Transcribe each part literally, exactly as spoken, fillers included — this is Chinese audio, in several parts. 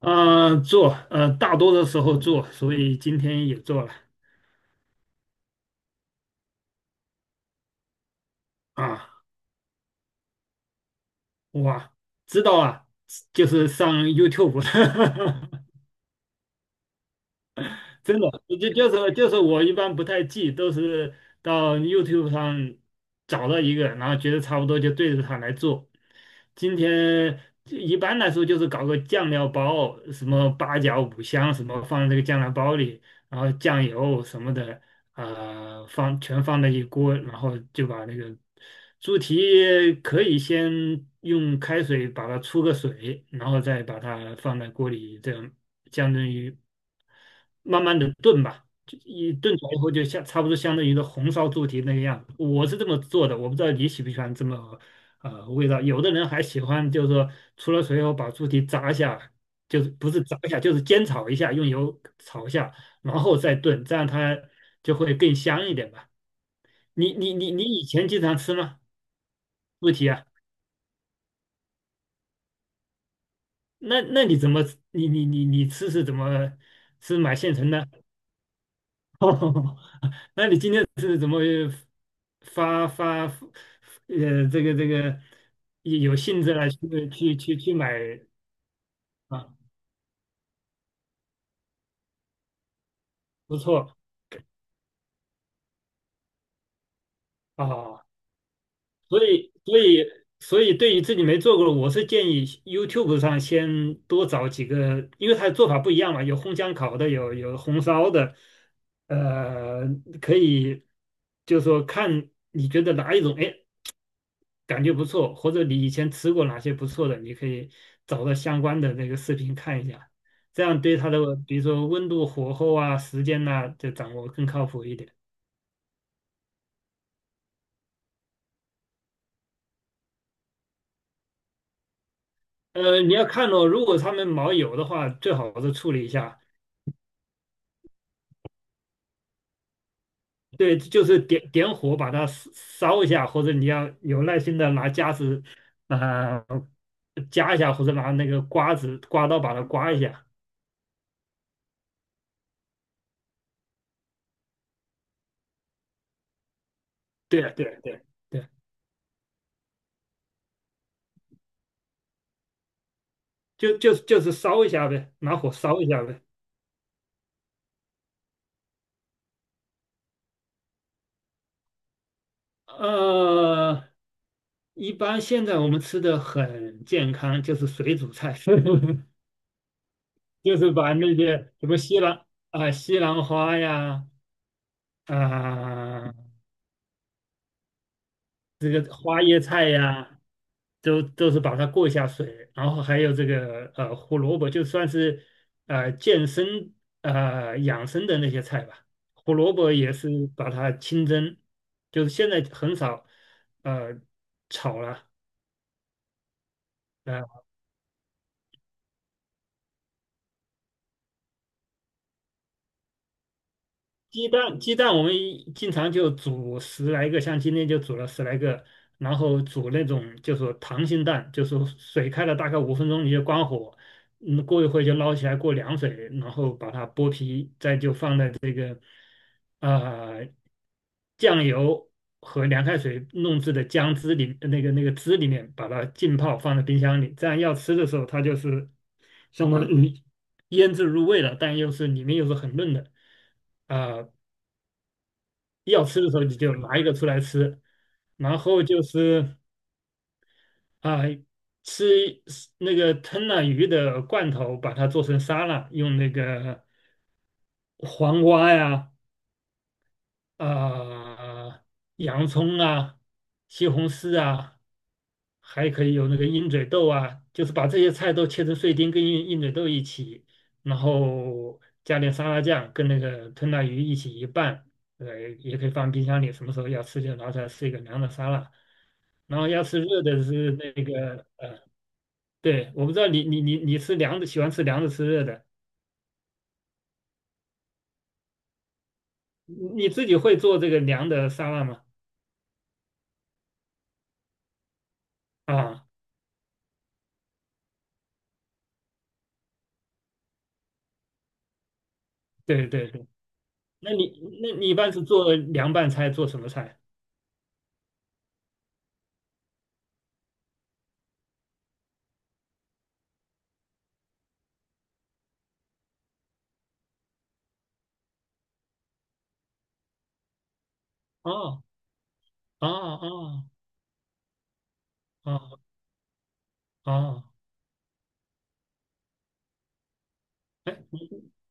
呃，做，呃，大多的时候做，所以今天也做了啊。哇，知道啊，就是上 YouTube，真的，就就是就是我一般不太记，都是到 YouTube 上找到一个，然后觉得差不多就对着它来做。今天一般来说就是搞个酱料包，什么八角、五香什么放在这个酱料包里，然后酱油什么的，呃放全放在一锅，然后就把那个猪蹄可以先用开水把它出个水，然后再把它放在锅里，这样相当于慢慢的炖吧，就一炖出来以后就像差不多相当于一个红烧猪蹄那个样子，我是这么做的，我不知道你喜不喜欢这么呃味道。有的人还喜欢就是说出了水以后把猪蹄炸一下。就是不是炸一下，就是煎炒一下，用油炒一下，然后再炖，这样它就会更香一点吧。你你你你以前经常吃吗？不提啊？那那你怎么你你你你吃是怎么，是买现成的？哦，那你今天是怎么发发呃这个这个有有兴致了去去去去买啊？不错啊。所以，所以，所以，对于自己没做过的，我是建议 YouTube 上先多找几个，因为它的做法不一样嘛，有烘箱烤的，有有红烧的，呃，可以就是说看你觉得哪一种，哎，感觉不错，或者你以前吃过哪些不错的，你可以找到相关的那个视频看一下，这样对它的，比如说温度、火候啊、时间呐、就掌握更靠谱一点。呃，你要看哦，如果他们毛有的话，最好是处理一下；对，就是点点火把它烧烧一下，或者你要有耐心的拿夹子啊、呃夹一下，或者拿那个刮子刮刀把它刮一下。对啊对啊对啊对啊，就就就是烧一下呗，拿火烧一下呗。呃，一般现在我们吃的很健康，就是水煮菜，就是把那些什么西兰啊、西兰花呀，啊、这个花椰菜呀、都都是把它过一下水，然后还有这个呃胡萝卜，就算是呃健身呃养生的那些菜吧。胡萝卜也是把它清蒸，就是现在很少呃炒了。呃鸡蛋鸡蛋我们一经常就煮十来个，像今天就煮了十来个，然后煮那种就是说溏心蛋，就是说水开了大概五分钟你就关火，嗯，过一会就捞起来过凉水，然后把它剥皮，再就放在这啊、呃酱油和凉开水弄制的姜汁里，那个那个汁里面把它浸泡放在冰箱里，这样要吃的时候它就是相当于腌制入味了，但又是里面又是很嫩的。啊、呃要吃的时候你就拿一个出来吃，然后就是啊、吃那个吞了鱼的罐头，把它做成沙拉，用那个黄瓜呀、啊、洋葱啊、西红柿啊，还可以有那个鹰嘴豆啊，就是把这些菜都切成碎丁，跟鹰鹰嘴豆一起，然后加点沙拉酱，跟那个吞拿鱼一起一拌，呃，也可以放冰箱里，什么时候要吃就拿出来吃一个凉的沙拉。然后要吃热的是那个呃，对，我不知道你你你你吃凉的，喜欢吃凉的吃热的，你自己会做这个凉的沙拉吗？啊，对对对，那你那你一般是做凉拌菜，做什么菜？哦哦哦哦哦。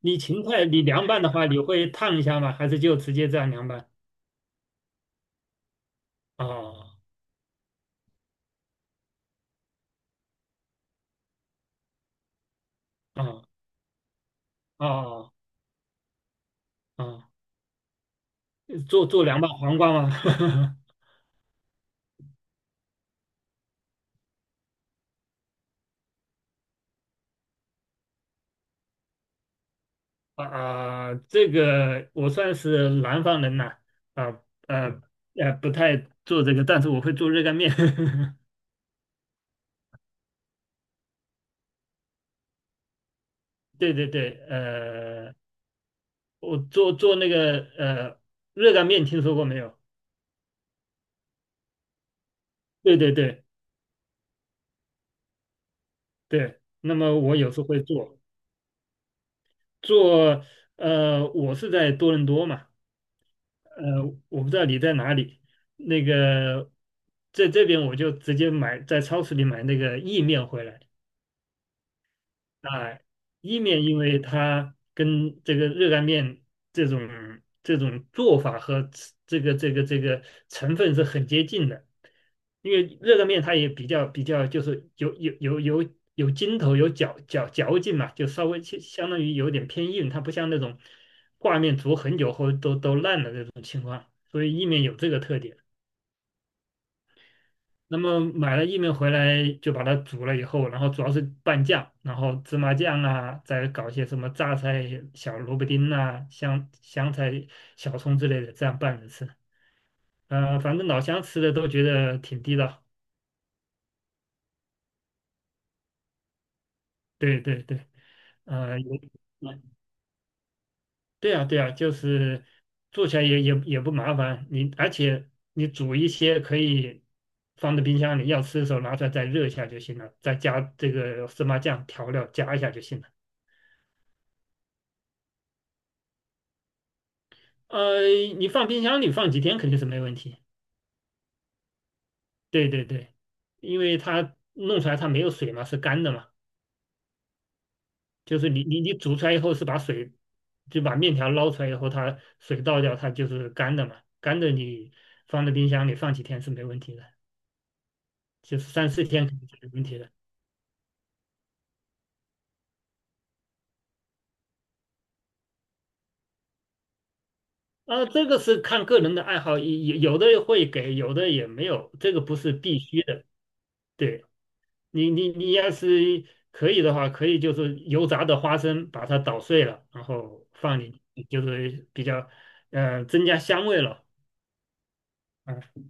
你勤快，你凉拌的话，你会烫一下吗？还是就直接这样凉拌？哦哦哦哦，做做凉拌黄瓜吗？啊，这个我算是南方人呐，啊呃呃，不太做这个，但是我会做热干面。对对对，呃，我做做那个呃热干面，听说过没有？对对对对，那么我有时候会做做，呃，我是在多伦多嘛。呃，我不知道你在哪里，那个在这边我就直接买，在超市里买那个意面回来。啊，意面因为它跟这个热干面这种这种做法和吃这个这个这个成分是很接近的，因为热干面它也比较比较就是有有有有有筋头，有嚼嚼嚼劲嘛，就稍微相相当于有点偏硬，它不像那种挂面煮很久后都都烂的那种，所以意面有这个特点。那么买了薏米回来就把它煮了以后，然后主要是拌酱，然后芝麻酱啊，再搞些什么榨菜、小萝卜丁啊、香香菜、小葱之类的，这样拌着吃。呃，反正老乡吃的都觉得挺地道。对对对，呃，也嗯对啊对啊，就是做起来也也也不麻烦，你而且你煮一些可以放在冰箱里，要吃的时候拿出来再热一下就行了，再加这个芝麻酱调料加一下就行了。呃，你放冰箱里放几天肯定是没问题。对对对，因为它弄出来它没有水嘛，是干的嘛，就是你你你煮出来以后是把水，就把面条捞出来以后，它水倒掉，它就是干的嘛。干的你放在冰箱里放几天是没问题的，就是三四天肯定是没问题的。啊，这个是看个人的爱好，有有的会给，有的也没有，这个不是必须的。对。你你你要是可以的话，可以就是油炸的花生把它捣碎了，然后放进去就是比较呃增加香味了。嗯，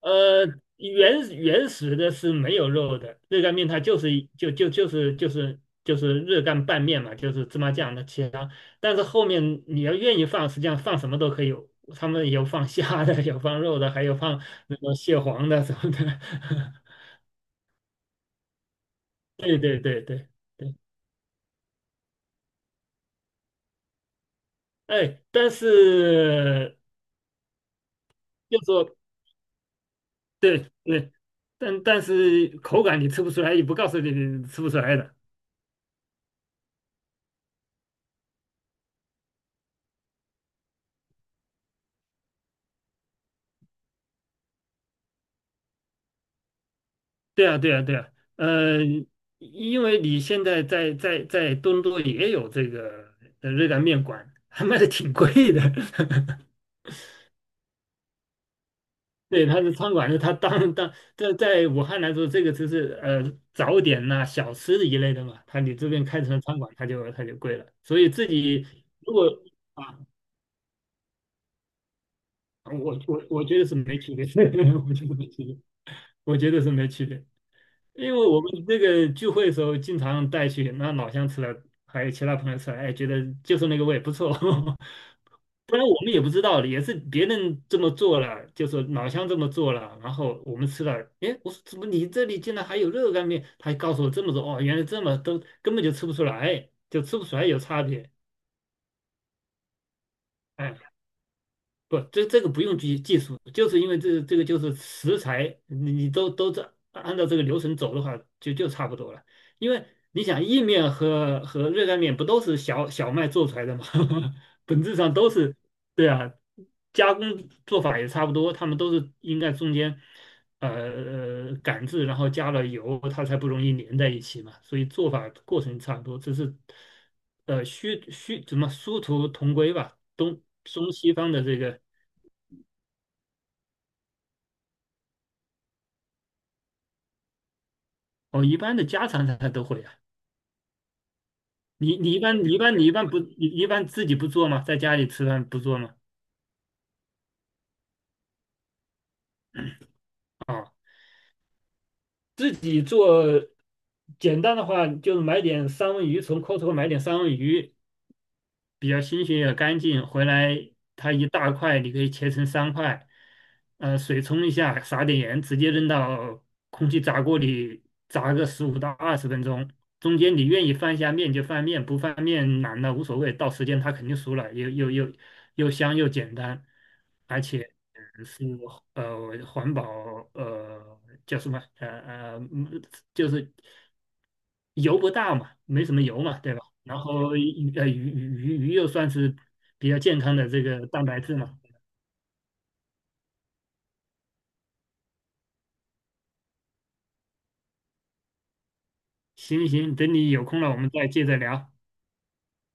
呃，原原始的是没有肉的，热干面它就是一就就就是就是就是热干拌面嘛，就是芝麻酱的其他。但是后面你要愿意放，实际上放什么都可以有，他们有放虾的，有放肉的，还有放那个蟹黄的什么的。对对对对对。哎，但是就说对对，但但是口感你吃不出来，也不告诉你你吃不出来的。对啊，对啊，对啊，呃，因为你现在在在在东都也有这个呃热干面馆，还卖的挺贵的。对，它是餐馆，它当当在在武汉来说，这个就是呃早点呐、小吃一类的嘛。它你这边开成了餐馆，它就它就贵了。所以自己如果。啊。啊，我我我觉得是没区别，我觉得没区别，我觉得是没区别，因为我们这个聚会的时候经常带去，那老乡吃了，还有其他朋友吃了，哎，觉得就是那个味不错，不然我们也不知道的，也是别人这么做了，就说老乡这么做了，然后我们吃了，哎，我说怎么你这里竟然还有热干面？他还告诉我这么多，哦，原来这么都根本就吃不出来，就吃不出来有差别，哎。不，这这个不用技技术，就是因为这这个就是食材，你你都都这按照这个流程走的话，就就差不多了。因为你想意面和和热干面不都是小小麦做出来的吗？本质上都是，对啊，加工做法也差不多，他们都是应该中间呃呃擀制，然后加了油，它才不容易粘在一起嘛。所以做法过程差不多，只是呃虚虚怎么殊途同归吧，东。中西方的这个，哦，一般的家常菜都会啊。你你一般你一般你一般不你一般自己不做吗？在家里吃饭不做吗？啊，自己做简单的话，就是买点三文鱼，从 Costco 买点三文鱼，比较新鲜也干净，回来它一大块，你可以切成三块，呃，水冲一下，撒点盐，直接扔到空气炸锅里炸个十五到二十分钟。中间你愿意翻一下面就翻面，不翻面懒了无所谓，到时间它肯定熟了，又又又又香又简单，而且呃是呃环保呃叫什么呃呃，嗯就是油不大嘛，没什么油嘛，对吧？然后鱼呃鱼鱼鱼又算是比较健康的这个蛋白质嘛。行行，等你有空了，我们再接着聊。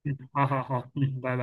嗯，好好好，嗯，拜拜。